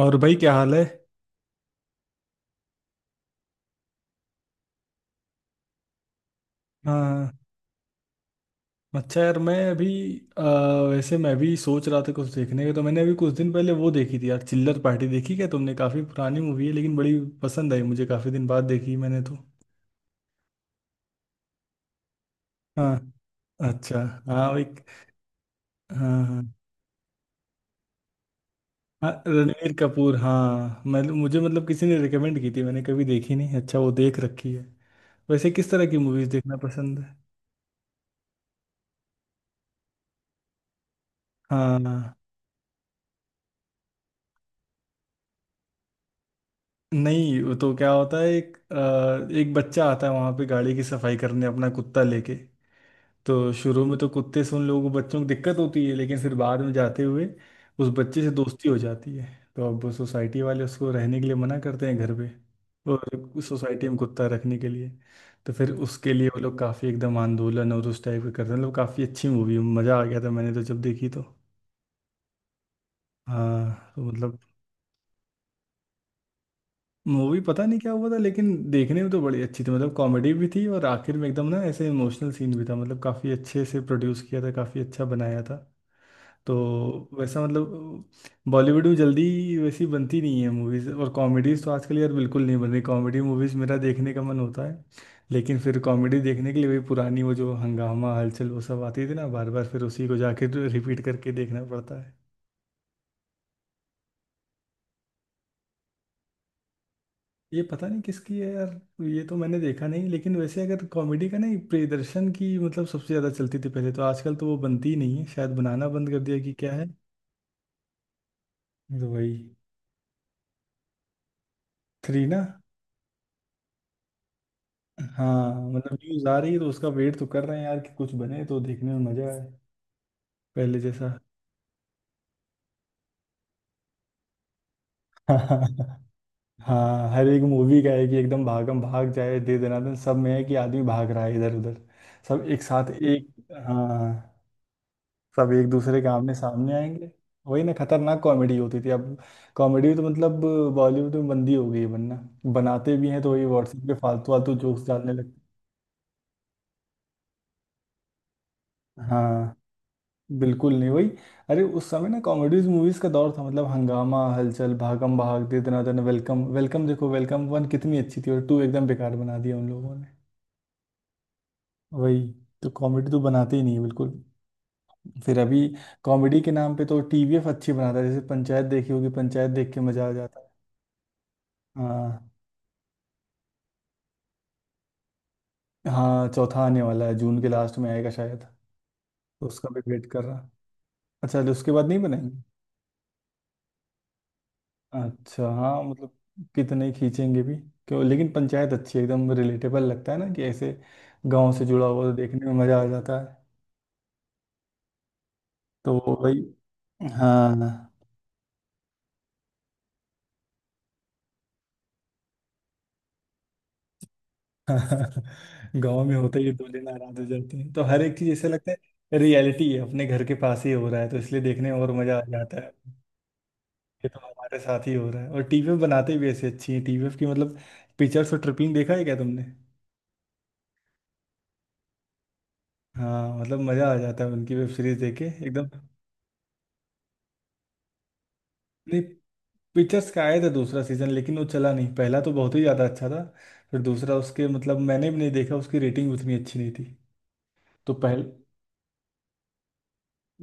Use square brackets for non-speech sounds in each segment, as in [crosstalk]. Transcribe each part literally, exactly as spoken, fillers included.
और भाई क्या हाल है। हाँ। अच्छा यार मैं अभी अ, वैसे मैं भी सोच रहा था कुछ देखने का। तो मैंने अभी कुछ दिन पहले वो देखी थी यार, चिल्लर पार्टी देखी क्या तुमने? काफी पुरानी मूवी है लेकिन बड़ी पसंद आई मुझे, काफी दिन बाद देखी मैंने तो। हाँ। अच्छा। हाँ भाई। हाँ हाँ। हाँ, रणवीर कपूर। हाँ मैं, मुझे मतलब किसी ने रिकमेंड की थी, मैंने कभी देखी नहीं। अच्छा, वो देख रखी है। वैसे किस तरह की मूवीज देखना पसंद है? हाँ। नहीं, वो तो क्या होता है, एक अ, एक बच्चा आता है वहां पे गाड़ी की सफाई करने अपना कुत्ता लेके। तो शुरू में तो कुत्ते से उन लोगों को, बच्चों को दिक्कत होती है, लेकिन फिर बाद में जाते हुए उस बच्चे से दोस्ती हो जाती है। तो अब सोसाइटी वाले उसको रहने के लिए मना करते हैं घर पे और सोसाइटी में कुत्ता रखने के लिए। तो फिर उसके लिए वो लोग काफ़ी एकदम आंदोलन और उस टाइप के करते हैं। मतलब काफ़ी अच्छी मूवी, मज़ा आ गया था मैंने तो जब देखी तो। हाँ, तो मतलब। मूवी पता नहीं क्या हुआ था, लेकिन देखने में तो बड़ी अच्छी थी। मतलब कॉमेडी भी थी और आखिर में एकदम ना ऐसे इमोशनल सीन भी था। मतलब काफ़ी अच्छे से प्रोड्यूस किया था, काफ़ी अच्छा बनाया था। तो वैसा मतलब बॉलीवुड में जल्दी वैसी बनती नहीं है मूवीज़। और कॉमेडीज़ तो आजकल यार बिल्कुल नहीं बन रही। कॉमेडी मूवीज़ मेरा देखने का मन होता है लेकिन फिर कॉमेडी देखने के लिए वही पुरानी, वो जो हंगामा, हलचल, वो सब आती थी ना, बार बार फिर उसी को जाके रिपीट करके देखना पड़ता है। ये पता नहीं किसकी है यार, ये तो मैंने देखा नहीं। लेकिन वैसे अगर कॉमेडी का नहीं, प्रियदर्शन की मतलब सबसे ज़्यादा चलती थी पहले, तो आजकल तो वो बनती ही नहीं है। शायद बनाना बंद कर दिया कि क्या है। तो वही। थ्री ना। हाँ मतलब न्यूज़ आ रही है तो उसका वेट तो कर रहे हैं यार कि कुछ बने तो देखने में मज़ा आए, पहले जैसा। [laughs] हाँ, हर एक मूवी का है कि एकदम भागम भाग जाए, दे दनादन, सब में है कि आदमी भाग रहा है इधर उधर, सब एक साथ एक। हाँ, सब एक दूसरे के आमने सामने आएंगे। वही ना, खतरनाक कॉमेडी होती थी। अब कॉमेडी तो मतलब बॉलीवुड में बंदी हो गई है बनना। बनाते भी हैं तो वही व्हाट्सएप पे फालतू फालतू जोक्स डालने लगते हैं। हाँ, बिल्कुल नहीं। वही, अरे उस समय ना कॉमेडीज मूवीज का दौर था। मतलब हंगामा, हलचल, भागम भाग, दे दना दन, वेलकम, वेलकम देखो, वेलकम वन कितनी अच्छी थी और टू एकदम बेकार बना दिया उन लोगों ने। वही, तो कॉमेडी तो बनाते ही नहीं है बिल्कुल। फिर अभी कॉमेडी के नाम पे तो टीवीएफ अच्छी बनाता है। जैसे पंचायत देखी होगी, पंचायत देख के मजा आ जाता है। हाँ। हाँ, चौथा आने वाला है, जून के लास्ट में आएगा शायद। तो उसका भी वेट कर रहा। अच्छा, तो उसके बाद नहीं बनाएंगे। अच्छा, हाँ मतलब कितने खींचेंगे भी। क्यों, लेकिन पंचायत अच्छी है, एकदम रिलेटेबल लगता है ना कि ऐसे गांव से जुड़ा हुआ, तो देखने में मज़ा आ जाता है। तो वो भाई। हाँ। [laughs] गांव में होता ही है, दो दिन नाराज हो जाते हैं, तो हर एक चीज़ ऐसे लगता है रियलिटी है, अपने घर के पास ही हो रहा है, तो इसलिए देखने में और मज़ा आ जाता है। ये तो हमारे साथ ही हो रहा है। और टीवीएफ बनाते भी ऐसी अच्छी है, टीवीएफ की मतलब पिक्चर्स और ट्रिपिंग देखा है क्या तुमने? हाँ मतलब मजा आ जाता है उनकी वेब सीरीज देख के एकदम। नहीं, पिक्चर्स का आया था दूसरा सीजन, लेकिन वो चला नहीं। पहला तो बहुत ही ज़्यादा अच्छा था, फिर दूसरा उसके मतलब मैंने भी नहीं देखा, उसकी रेटिंग उतनी अच्छी नहीं थी। तो पहल।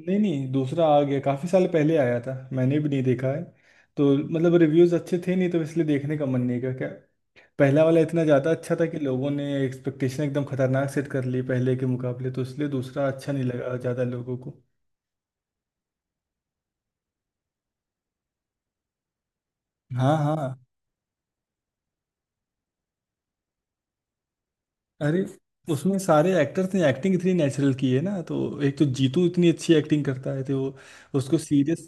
नहीं नहीं, दूसरा आ गया काफ़ी साल पहले, आया था, मैंने भी नहीं देखा है। तो मतलब रिव्यूज़ अच्छे थे नहीं, तो इसलिए देखने का मन नहीं किया क्या। पहला वाला इतना ज़्यादा अच्छा था कि लोगों ने एक्सपेक्टेशन एकदम खतरनाक सेट कर ली पहले के मुकाबले, तो इसलिए दूसरा अच्छा नहीं लगा ज़्यादा लोगों को। हाँ हाँ। अरे, उसमें सारे एक्टर्स ने एक्टिंग इतनी नेचुरल की है ना, तो एक तो जीतू इतनी अच्छी एक्टिंग करता है, तो वो उसको सीरियस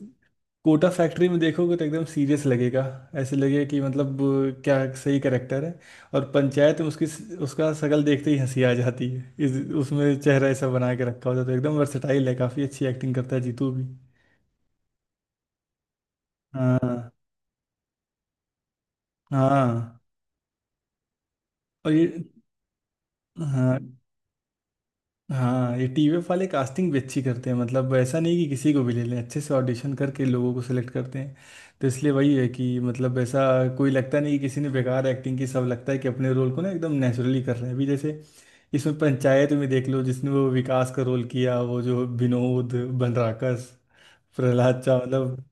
कोटा फैक्ट्री में देखोगे तो एकदम सीरियस लगेगा। ऐसे लगेगा कि मतलब अ, क्या सही करेक्टर है। और पंचायत में उसकी, उसका शक्ल देखते ही हंसी आ जाती है इस। उसमें चेहरा ऐसा बना के रखा होता है, तो एकदम वर्सेटाइल है, काफ़ी अच्छी एक्टिंग करता है जीतू भी। हाँ। हाँ, और ये। हाँ हाँ, ये टीवीएफ वाले कास्टिंग भी अच्छी करते हैं। मतलब ऐसा नहीं कि किसी को भी ले लें, अच्छे से ऑडिशन करके लोगों को सिलेक्ट करते हैं, तो इसलिए वही है कि मतलब ऐसा कोई लगता नहीं कि किसी ने बेकार एक्टिंग की। सब लगता है कि अपने रोल को ना एकदम नेचुरली कर रहे हैं। अभी जैसे इसमें पंचायत में देख लो, जिसने वो विकास का रोल किया, वो जो विनोद, बनराकस, प्रहलाद चा, मतलब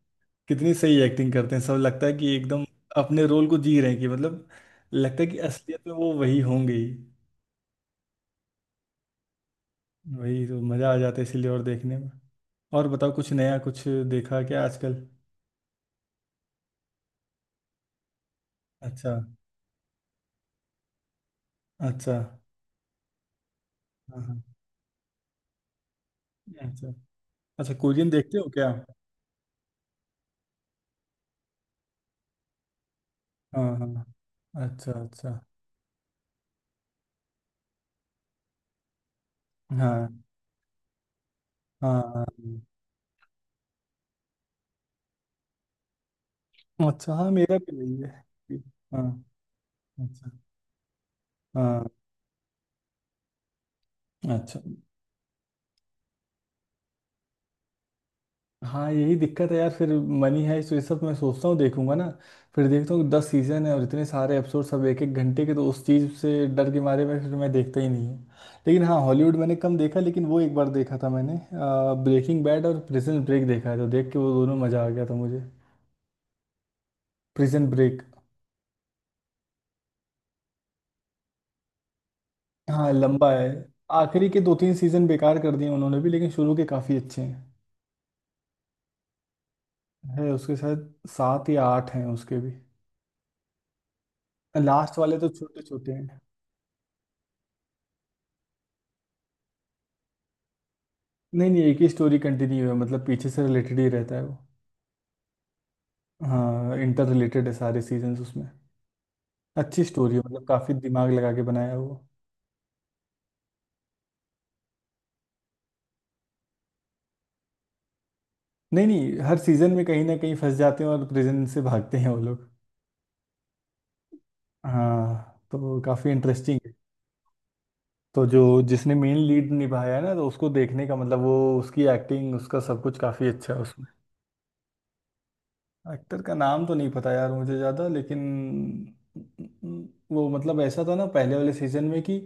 कितनी सही एक्टिंग करते हैं। सब लगता है कि एकदम अपने रोल को जी रहे हैं, कि मतलब लगता है कि असलियत में वो वही होंगे ही। वही तो मज़ा आ जाता है इसीलिए और देखने में। और बताओ, कुछ नया कुछ देखा क्या आजकल? अच्छा। अच्छा। हाँ हाँ। अच्छा, अच्छा कोरियन देखते हो क्या? हाँ हाँ। अच्छा अच्छा। हाँ हाँ। हाँ। हाँ। अच्छा, हाँ मेरा भी वही है। हाँ। अच्छा। हाँ। अच्छा। हाँ, यही दिक्कत है यार। फिर मनी है तो ये सब मैं सोचता हूँ देखूंगा ना, फिर देखता हूँ दस सीजन है और इतने सारे एपिसोड सब एक एक घंटे के, तो उस चीज़ से डर के मारे में फिर मैं देखता ही नहीं हूँ। लेकिन हाँ, हॉलीवुड मैंने कम देखा, लेकिन वो एक बार देखा था मैंने ब्रेकिंग बैड और प्रिजन ब्रेक देखा है, तो देख के वो दोनों मज़ा आ गया था मुझे। Prison break. हाँ, लंबा है। आखिरी के दो तीन सीजन बेकार कर दिए उन्होंने भी, लेकिन शुरू के काफ़ी अच्छे हैं। है उसके साथ सात या आठ हैं उसके भी। लास्ट वाले तो छोटे छोटे हैं। नहीं नहीं, एक ही स्टोरी कंटिन्यू है, मतलब पीछे से रिलेटेड ही रहता है वो। हाँ, इंटर रिलेटेड है सारे सीजन्स उसमें। अच्छी स्टोरी है, मतलब काफी दिमाग लगा के बनाया है वो। नहीं नहीं, हर सीजन में कहीं ना कहीं फंस जाते हैं और प्रिजन से भागते हैं वो लोग। हाँ, तो काफी इंटरेस्टिंग है। तो जो जिसने मेन लीड निभाया है ना, तो उसको देखने का मतलब वो, उसकी एक्टिंग, उसका सब कुछ काफी अच्छा है उसमें। एक्टर का नाम तो नहीं पता यार मुझे ज़्यादा, लेकिन वो मतलब ऐसा था ना पहले वाले सीजन में कि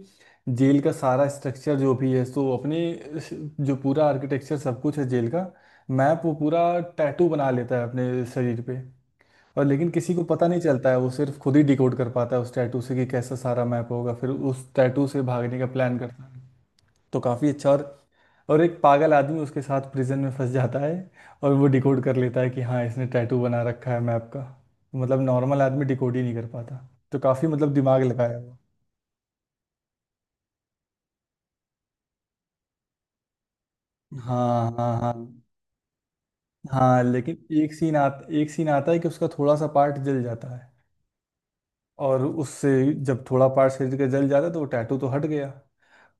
जेल का सारा स्ट्रक्चर जो भी है, सो अपने स- जो पूरा आर्किटेक्चर सब कुछ है जेल का, मैप, वो पूरा टैटू बना लेता है अपने शरीर पे और, लेकिन किसी को पता नहीं चलता है। वो सिर्फ खुद ही डिकोड कर पाता है उस टैटू से कि कैसा सारा मैप होगा, फिर उस टैटू से भागने का प्लान करता है। तो काफ़ी अच्छा और। और एक पागल आदमी उसके साथ प्रिजन में फंस जाता है और वो डिकोड कर लेता है कि हाँ, इसने टैटू बना रखा है मैप का। मतलब नॉर्मल आदमी डिकोड ही नहीं कर पाता, तो काफी मतलब दिमाग लगाया हुआ। हाँ हाँ हाँ। हाँ लेकिन एक सीन आ एक सीन आता है कि उसका थोड़ा सा पार्ट जल जाता है और उससे, जब थोड़ा पार्ट शरीर का जल जाता है तो वो टैटू तो हट गया,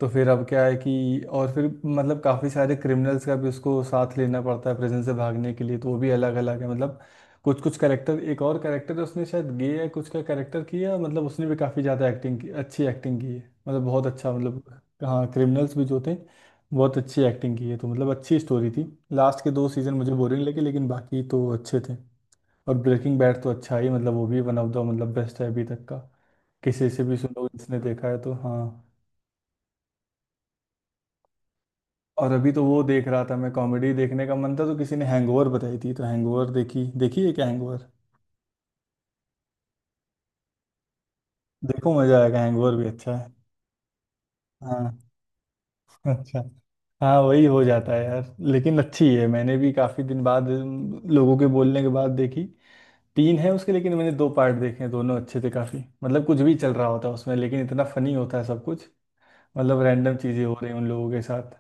तो फिर अब क्या है कि। और फिर मतलब काफ़ी सारे क्रिमिनल्स का भी उसको साथ लेना पड़ता है प्रिजन से भागने के लिए, तो वो भी अलग अलग है। मतलब कुछ कुछ कैरेक्टर, एक और कैरेक्टर है उसने, शायद गे है कुछ का कैरेक्टर किया, मतलब उसने भी काफ़ी ज़्यादा एक्टिंग की, अच्छी एक्टिंग की है। मतलब बहुत अच्छा मतलब। हाँ, क्रिमिनल्स भी जो थे बहुत अच्छी एक्टिंग की है, तो मतलब अच्छी स्टोरी थी। लास्ट के दो सीज़न मुझे बोरिंग लगे, लेकिन बाकी तो अच्छे थे। और ब्रेकिंग बैड तो अच्छा ही मतलब, वो भी वन ऑफ द मतलब बेस्ट है अभी तक का। किसी से भी सुनो जिसने देखा है, तो हाँ। और अभी तो वो देख रहा था मैं, कॉमेडी देखने का मन था, तो किसी ने हैंगओवर बताई थी, तो हैंगओवर देखी, देखी है क्या हैंगओवर? देखो, मजा आएगा, हैंगओवर भी अच्छा है। हाँ। [laughs] अच्छा। हाँ, वही हो जाता है यार। लेकिन अच्छी है, मैंने भी काफी दिन बाद अम, लोगों के बोलने के बाद देखी। तीन है उसके, लेकिन मैंने दो पार्ट देखे हैं, दोनों अच्छे थे काफी। मतलब कुछ भी चल रहा होता है उसमें, लेकिन इतना फनी होता है सब कुछ। मतलब रैंडम चीजें हो रही हैं उन लोगों के साथ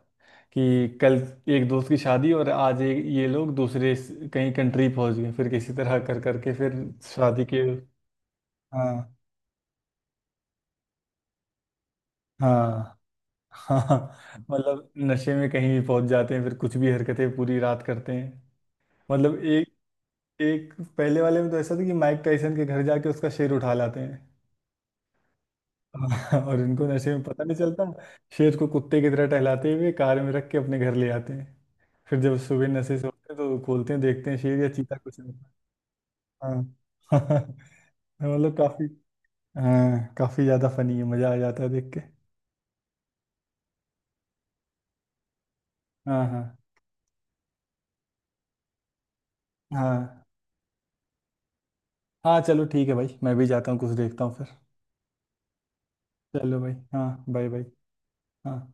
कि कल एक दोस्त की शादी और आज ये ये लोग दूसरे स- कहीं कंट्री पहुंच गए, फिर किसी तरह कर करके फिर शादी के। हाँ हाँ। हाँ, मतलब नशे में कहीं भी पहुंच जाते हैं, फिर कुछ भी हरकतें पूरी रात करते हैं। मतलब एक एक पहले वाले में तो ऐसा था कि माइक टाइसन के घर जाके उसका सिर उठा लाते हैं। [laughs] हाँ, और उनको नशे में पता नहीं चलता। शेर को कुत्ते की तरह टहलाते हुए कार में रख के अपने घर ले आते हैं। फिर जब सुबह नशे से उठते हैं तो खोलते हैं, देखते हैं शेर या चीता, कुछ नहीं। हाँ। [laughs] मतलब काफी। हाँ, काफी ज्यादा फनी है, मजा आ जाता है देख के। हाँ हाँ। हाँ। हाँ, चलो ठीक है भाई, मैं भी जाता हूँ कुछ देखता हूँ फिर। चलो भाई, हाँ बाय बाय। हाँ।